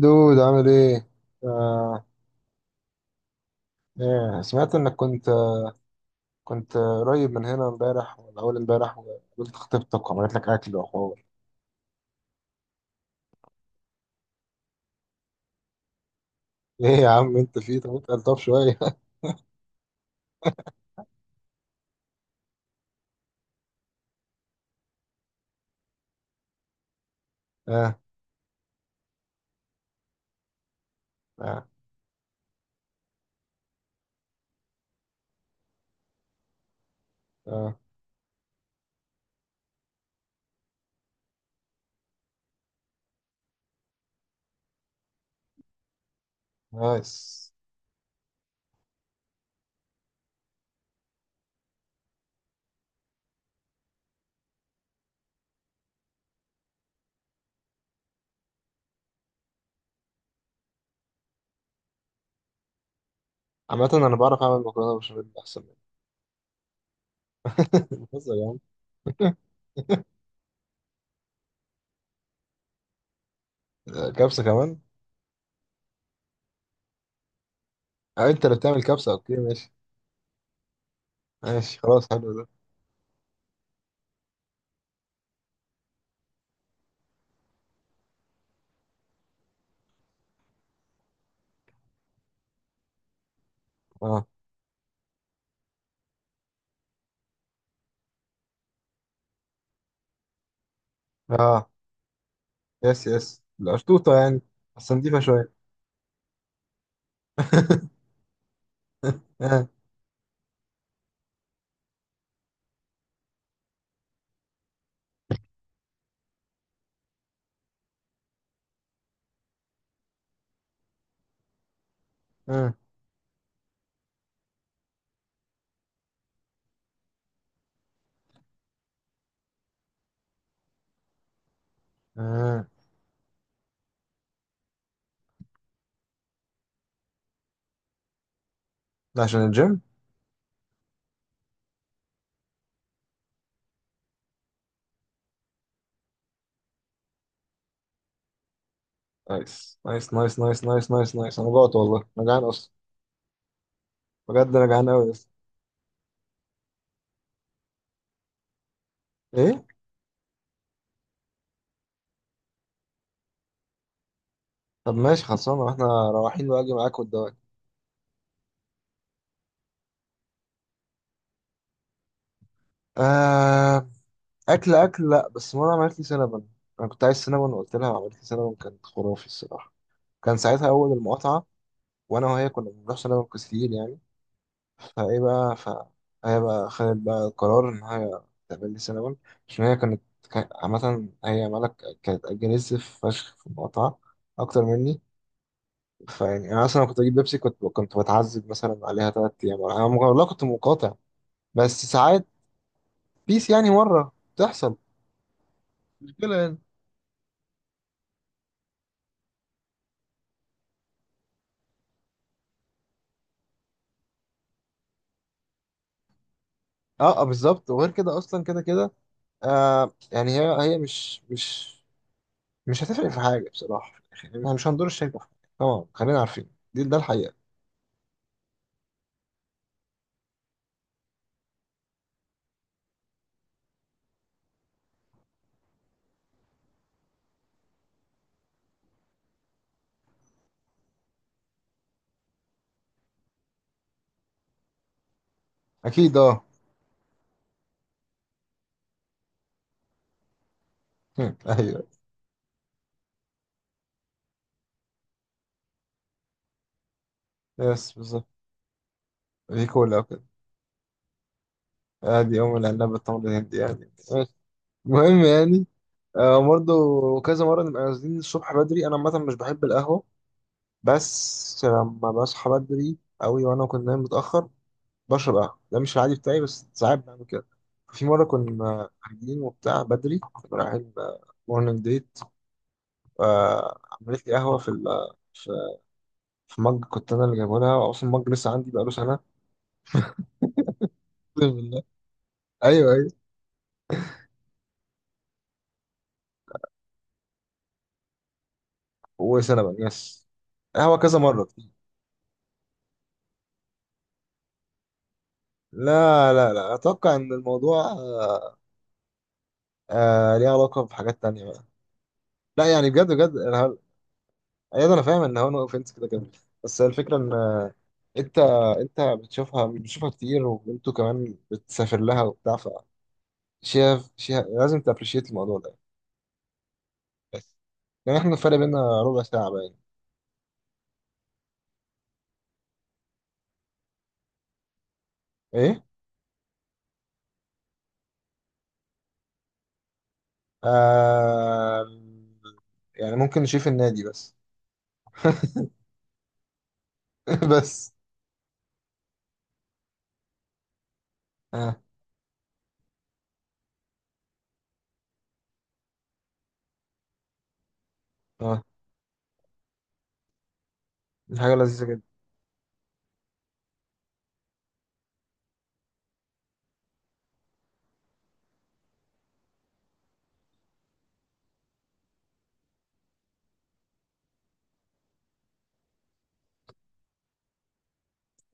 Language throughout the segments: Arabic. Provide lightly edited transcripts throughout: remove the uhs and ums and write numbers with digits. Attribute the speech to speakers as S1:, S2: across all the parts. S1: دود، عامل ايه؟ آه. ايه، سمعت انك كنت قريب من هنا امبارح ولا اول امبارح، وقابلت خطيبتك وعملت لك اكل وحوار. ايه يا عم، انت فيه؟ طب انت قلطاب شويه. اه، اه، اه. نايس. عامة انا بعرف اعمل مكرونه بشاميل احسن منك. بتهزر يا عم. آه، كبسه كمان. آه، انت اللي بتعمل كبسه. اوكي، ماشي. ماشي خلاص، حلو ده. اه، اه، يس، يس، القشطوطه يعني. بس نضيفه شويه. اه، اه، اه. ده عشان الجيم؟ نايس، نايس، نايس، نايس، نايس، نايس، نايس. انا جوعت والله، انا جعان اصلا. بجد انا جعان قوي بس. ايه؟ طب ماشي خلصانه، احنا رايحين واجي معاك والدواك. آه. اكل اكل، لا بس مره عملت لي سينابون. انا كنت عايز سينابون وقلت لها، وعملت لي سينابون، كانت خرافي الصراحه. كان ساعتها اول المقاطعه. وانا وهي كنا بنروح سينابون كتير يعني. فايه بقى. هي بقى خدت بقى القرار ان هي تعمل لي سينابون. عشان هي كانت عامه هي مالك، كانت اجريسيف فشخ في المقاطعه اكتر مني. فيعني انا اصلا كنت اجيب بيبسي، كنت بتعذب مثلا عليها 3 ايام. انا والله كنت مقاطع. بس ساعات بيس يعني، مره بتحصل مشكله يعني. اه، آه، بالظبط. وغير كده اصلا كده كده. يعني هي مش هتفرق في حاجه بصراحه، يعني احنا مش هندور الشركه في حاجه طبعا، خلينا عارفين دي، ده الحقيقه. اكيد. اه. هم، ايوه. يس، بالظبط. دي كولا وكده. ادي ام العنب بالتمر الهندي، يعني ماشي. المهم يعني. برضه، كذا مرة نبقى نازلين الصبح بدري. أنا عامة مش بحب القهوة، بس لما بصحى بدري قوي وانا كنت نايم متاخر بشرب قهوه. ده مش العادي بتاعي، بس ساعات بعمل كده. في مره كنا قاعدين وبتاع بدري، كنا رايحين مورنينج ديت. عملت لي قهوه في ال- في في مج، كنت انا اللي جايبه لها، واصلا مج لسه عندي بقاله سنه. الحمد لله. ايوه، ايوه. وسنه بقى، يس. قهوه كذا مره كتير. لا، لا، لا، اتوقع ان الموضوع. ليه علاقه بحاجات تانية بقى. لا يعني، بجد بجد. ايوه، انا فاهم ان هو نو اوفنس كده كده. بس الفكره ان انت انت بتشوفها بتشوفها كتير، وانتوا كمان بتسافر لها وبتاع. شايف، لازم تابريشيت الموضوع ده. بس يعني، احنا الفرق بينا ربع ساعه باين. ايه. آه... يعني ممكن نشوف النادي بس. بس. اه، اه، دي حاجه لذيذه جدا.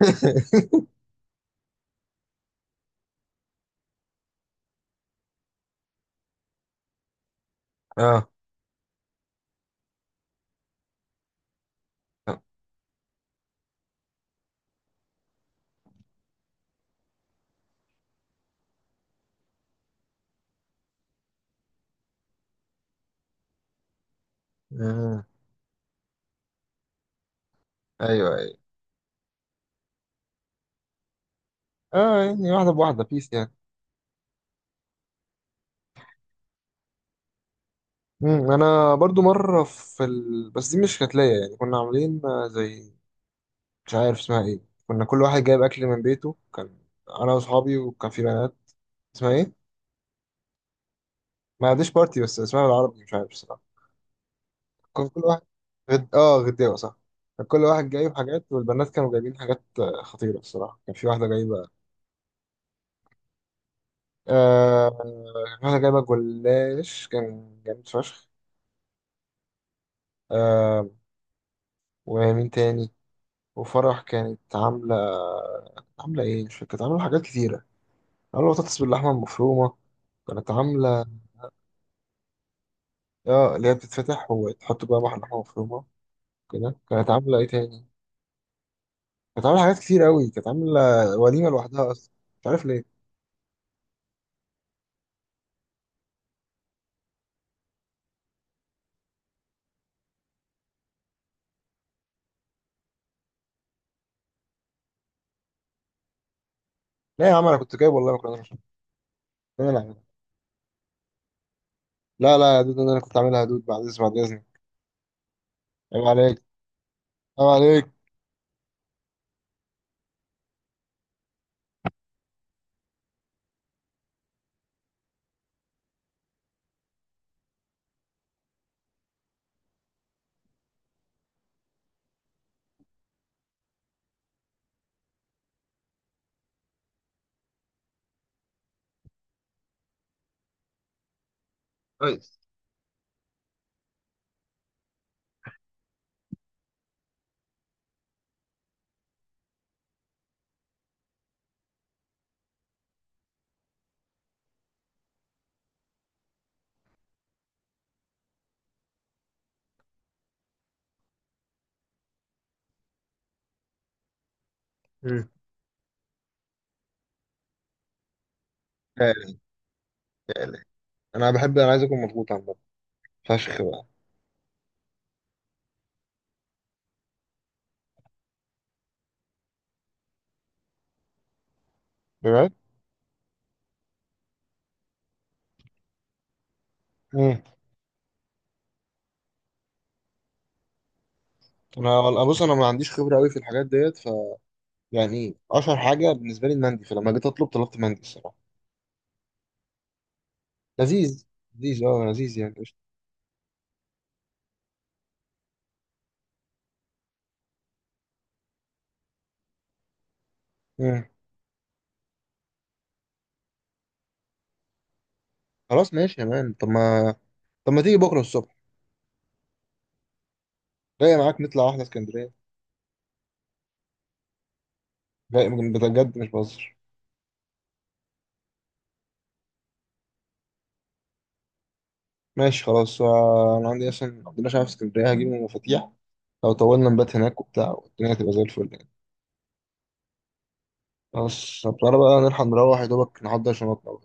S1: اه، آه. ايوه، ايوه. اه يعني واحده بواحده، بيس يعني. انا برضو مره بس دي مش كتلايه يعني، كنا عاملين زي، مش عارف اسمها ايه. كنا كل واحد جايب اكل من بيته. انا واصحابي وكان في بنات. اسمها ايه؟ ما عنديش بارتي، بس اسمها بالعربي مش عارف الصراحه. كان كل واحد اه، غداوه صح. كان كل واحد جايب حاجات، والبنات كانوا جايبين حاجات خطيره الصراحه. كان في واحده جايبه. آه... كان في واحده جايبه جلاش، كان جامد فشخ. آه... ومين تاني؟ وفرح كانت عامله ايه مش فاكر، كانت عامله حاجات كتيره. عامله بطاطس باللحمه المفرومه، كانت عامله. اه، اللي هي بتتفتح وتحط جواها لحمه مفرومه كده. كانت عامله ايه تاني؟ كانت عامله حاجات كتير قوي، كانت عامله وليمه لوحدها اصلا. مش عارف ليه. لا يا عم، انا كنت جايب والله مكرونه بشاميل، انا اللي عاملها. لا، لا يا دود، انا اللي كنت عاملها يا دود، بعد اذنك. عيب عليك، عيب عليك. كويس. مم. تالي، تالي. انا عايز اكون مضغوط عامه، فشخ بقى. بجد. مم. بص، انا ما عنديش خبره قوي في الحاجات ديت. يعني اشهر حاجه بالنسبه لي المندي، فلما جيت اطلب طلبت مندي الصراحه. لذيذ. لذيذ، اه لذيذ يعني، قشطة. مم. خلاص، ماشي يا مان. طب ما تيجي بكرة الصبح، جاي معاك نطلع واحدة اسكندرية. جاي بجد، مش بهزر. ماشي خلاص. انا عندي اصلا عندنا شعب في اسكندرية، هجيب من المفاتيح. لو طولنا نبات هناك وبتاع، والدنيا هتبقى زي الفل يعني. خلاص، طب تعالى بقى نلحق نروح يا دوبك نحضر شنطنا.